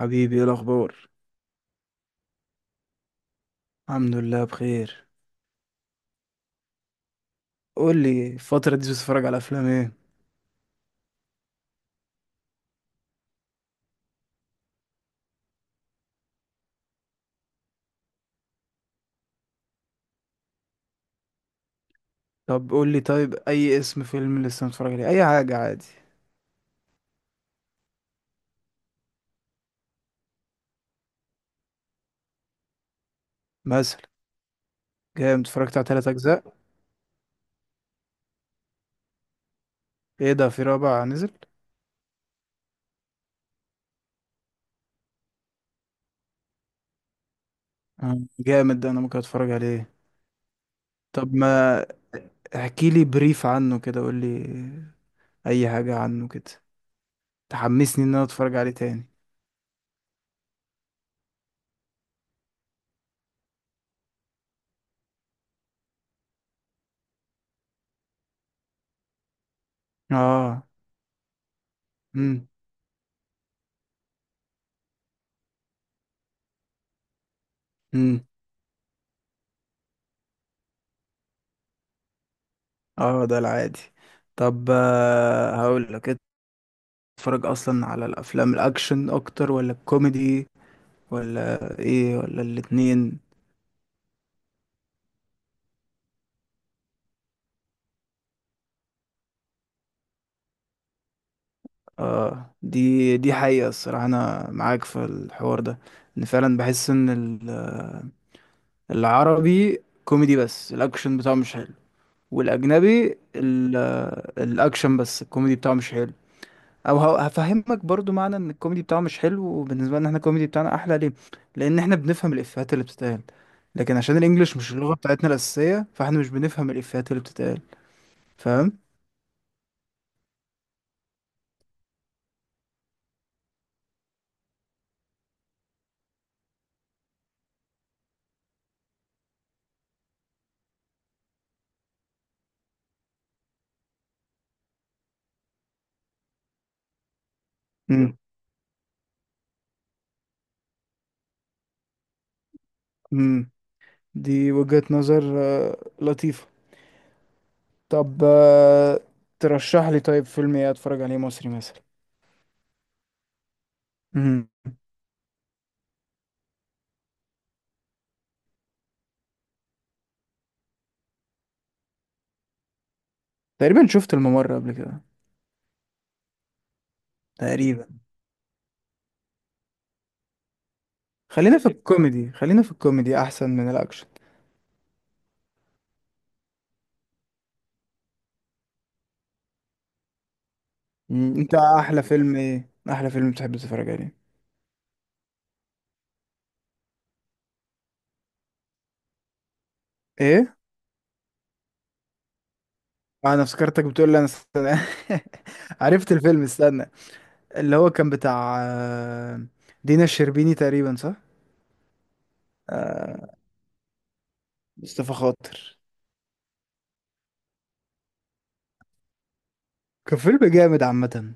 حبيبي ايه الاخبار؟ الحمد لله بخير. قول لي الفتره دي بتتفرج على افلام ايه؟ طب قول لي طيب اي اسم فيلم لسه متفرج عليه اي حاجه عادي. مثلا جامد، اتفرجت على تلات اجزاء. ايه ده، في رابع نزل؟ جامد، ده انا ممكن اتفرج عليه. طب ما احكي لي بريف عنه كده، قول لي اي حاجه عنه كده تحمسني ان انا اتفرج عليه تاني. اه. امم امم اه ده العادي. طب هقول لك، بتتفرج اصلا على الافلام الاكشن اكتر ولا الكوميدي ولا ايه ولا الاتنين؟ اه، دي حقيقة، الصراحة انا معاك في الحوار ده، ان فعلا بحس ان العربي كوميدي بس الاكشن بتاعه مش حلو، والاجنبي الاكشن بس الكوميدي بتاعه مش حلو. او هفهمك برضو معنى ان الكوميدي بتاعه مش حلو، وبالنسبه لنا احنا الكوميدي بتاعنا احلى ليه. لان احنا بنفهم الافيهات اللي بتتقال، لكن عشان الانجليش مش اللغه بتاعتنا الاساسيه فاحنا مش بنفهم الافيهات اللي بتتقال. فاهم؟ امم امم دي وجهة نظر لطيفه. طب ترشح لي طيب فيلم ايه اتفرج عليه مصري مثلا. امم. تقريبا شفت الممر قبل كده. تقريبا. خلينا في الكوميدي، خلينا في الكوميدي احسن من الاكشن. مم. انت احلى فيلم ايه، احلى فيلم بتحب تتفرج عليه؟ ايه؟ انا افتكرتك بتقول لي انا استنى. عرفت الفيلم استنى، اللي هو كان بتاع دينا الشربيني تقريبا، صح؟ آه، مصطفى خاطر. كان فيلم جامد عامة.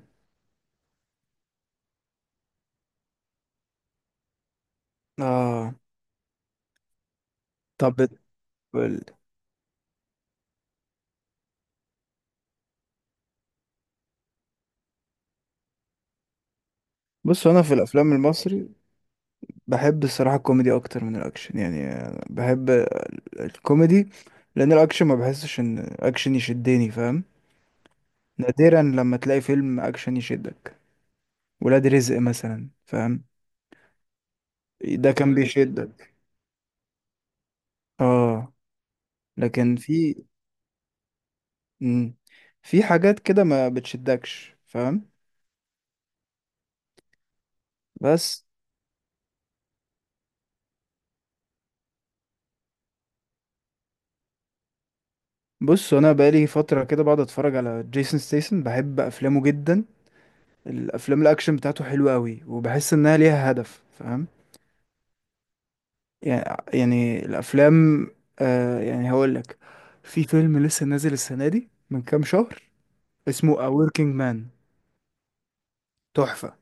اه. طب بال- بص انا في الافلام المصري بحب الصراحة الكوميدي اكتر من الاكشن، يعني أنا بحب الكوميدي، لان الاكشن ما بحسش ان اكشن يشدني، فاهم؟ نادرا لما تلاقي فيلم اكشن يشدك. ولاد رزق مثلا، فاهم؟ ده كان بيشدك اه. لكن في، مم، في حاجات كده ما بتشدكش، فاهم؟ بس بص، انا بقالي فتره كده بقعد اتفرج على جيسون ستيسن، بحب افلامه جدا. الافلام الاكشن بتاعته حلوه قوي، وبحس انها ليها هدف، فاهم؟ يعني، يعني الافلام، آه يعني هقول لك، في فيلم لسه نازل السنه دي من كام شهر اسمه A Working Man، تحفه.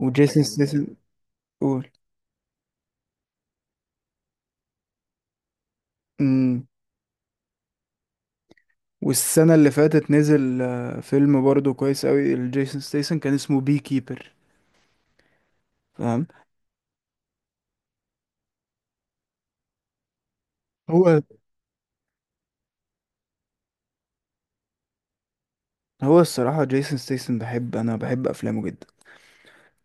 وجيسون حلو ستيسن. قول. والسنة اللي فاتت نزل فيلم برضه كويس قوي لجيسون ستيسن كان اسمه بي كيبر. فاهم؟ هو، هو الصراحة جيسون ستيسن بحب، أنا بحب أفلامه جدا.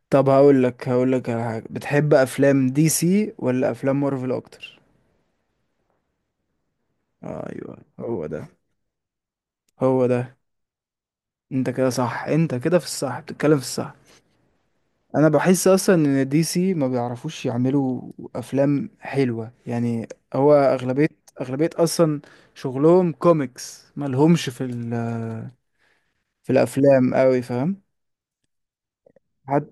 طب هقول لك، هقول لك على حاجة. بتحب أفلام دي سي ولا أفلام مارفل أكتر؟ أيوه، هو ده، هو ده. أنت كده صح، أنت كده في الصح، بتتكلم في الصح. أنا بحس أصلا إن دي سي ما بيعرفوش يعملوا أفلام حلوة يعني. هو أغلبية، أغلبية أصلا شغلهم كوميكس، ملهمش في في الافلام قوي، فاهم؟ حد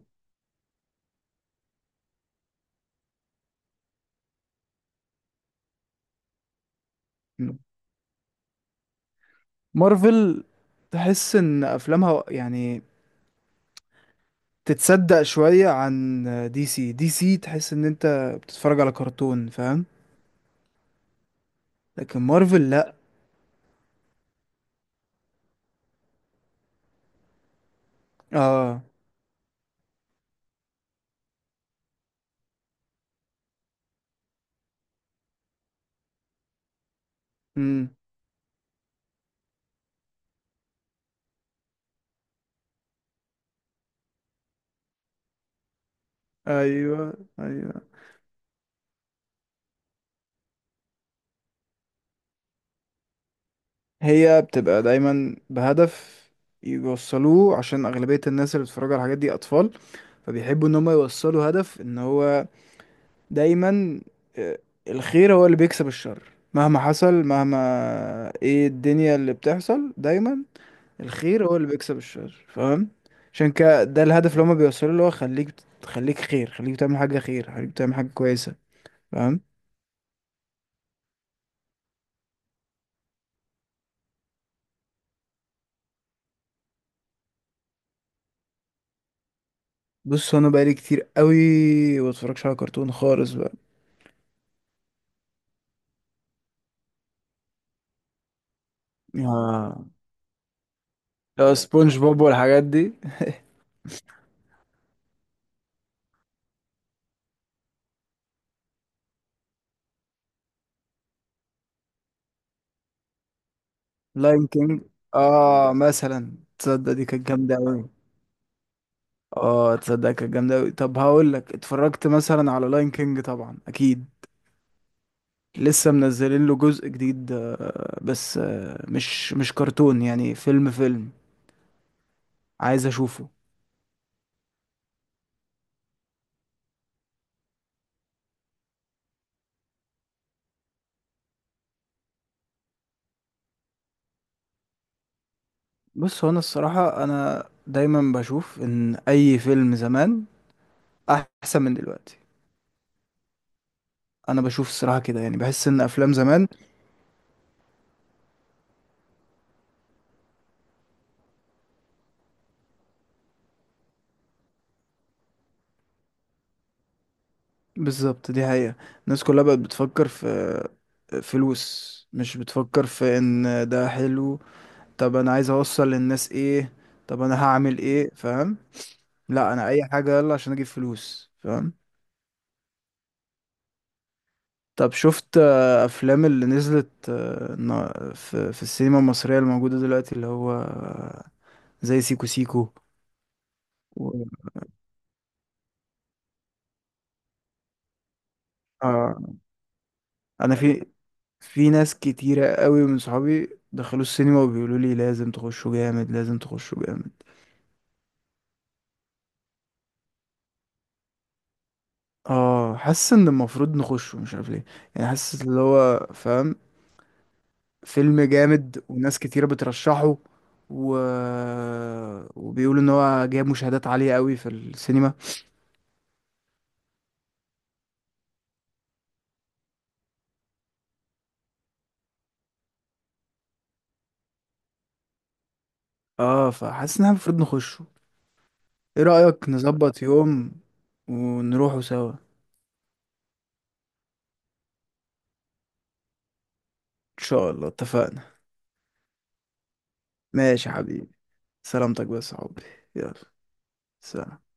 مارفل تحس ان افلامها يعني تتصدق شوية عن دي سي. دي سي تحس ان انت بتتفرج على كرتون، فاهم؟ لكن مارفل لا. اه. امم. ايوه ايوه. هي بتبقى دايما بهدف يوصلوه، عشان اغلبية الناس اللي بتتفرج على الحاجات دي اطفال، فبيحبوا ان هم يوصلوا هدف ان هو دايما، آه، الخير هو اللي بيكسب الشر مهما حصل، مهما ايه الدنيا اللي بتحصل، دايما الخير هو اللي بيكسب الشر، فاهم؟ عشان كده ده الهدف اللي هما بيوصلوا له، هو خليك، خليك خير، خليك تعمل حاجة خير، خليك تعمل حاجة كويسة، فاهم؟ بص انا بقالي كتير قوي ما بتفرجش على كرتون خالص بقى. آه. لو سبونج بوب والحاجات دي. لاين كينج، اه مثلا، تصدق دي كانت جامدة قوي. اه تصدق كانت جامدة أوي. طب هقول لك، اتفرجت مثلا على لاين كينج؟ طبعا أكيد. لسه منزلين له جزء جديد بس مش كرتون يعني، فيلم، فيلم. عايز أشوفه. بص هو أنا الصراحة أنا دايما بشوف إن أي فيلم زمان أحسن من دلوقتي. أنا بشوف الصراحة كده، يعني بحس إن أفلام زمان. بالظبط، دي حقيقة. الناس كلها بقت بتفكر في فلوس، مش بتفكر في إن ده حلو، طب انا عايز اوصل للناس ايه، طب انا هعمل ايه، فاهم؟ لا انا اي حاجة يلا عشان اجيب فلوس، فاهم؟ طب شفت افلام اللي نزلت في السينما المصرية الموجودة دلوقتي اللي هو زي سيكو سيكو و... آه. انا في، في ناس كتيرة قوي من صحابي دخلوا السينما وبيقولوا لي لازم تخشوا جامد، لازم تخشوا جامد. اه حاسس ان المفروض نخشه، مش عارف ليه، يعني حاسس اللي هو، فاهم، فيلم جامد وناس كتيرة بترشحه، و... وبيقولوا ان هو جايب مشاهدات عالية قوي في السينما. اه، فحاسس ان احنا المفروض نخشه. ايه رأيك نظبط يوم ونروحوا سوا؟ ان شاء الله، اتفقنا. ماشي يا حبيبي، سلامتك بس يا حبي. يلا، سلام.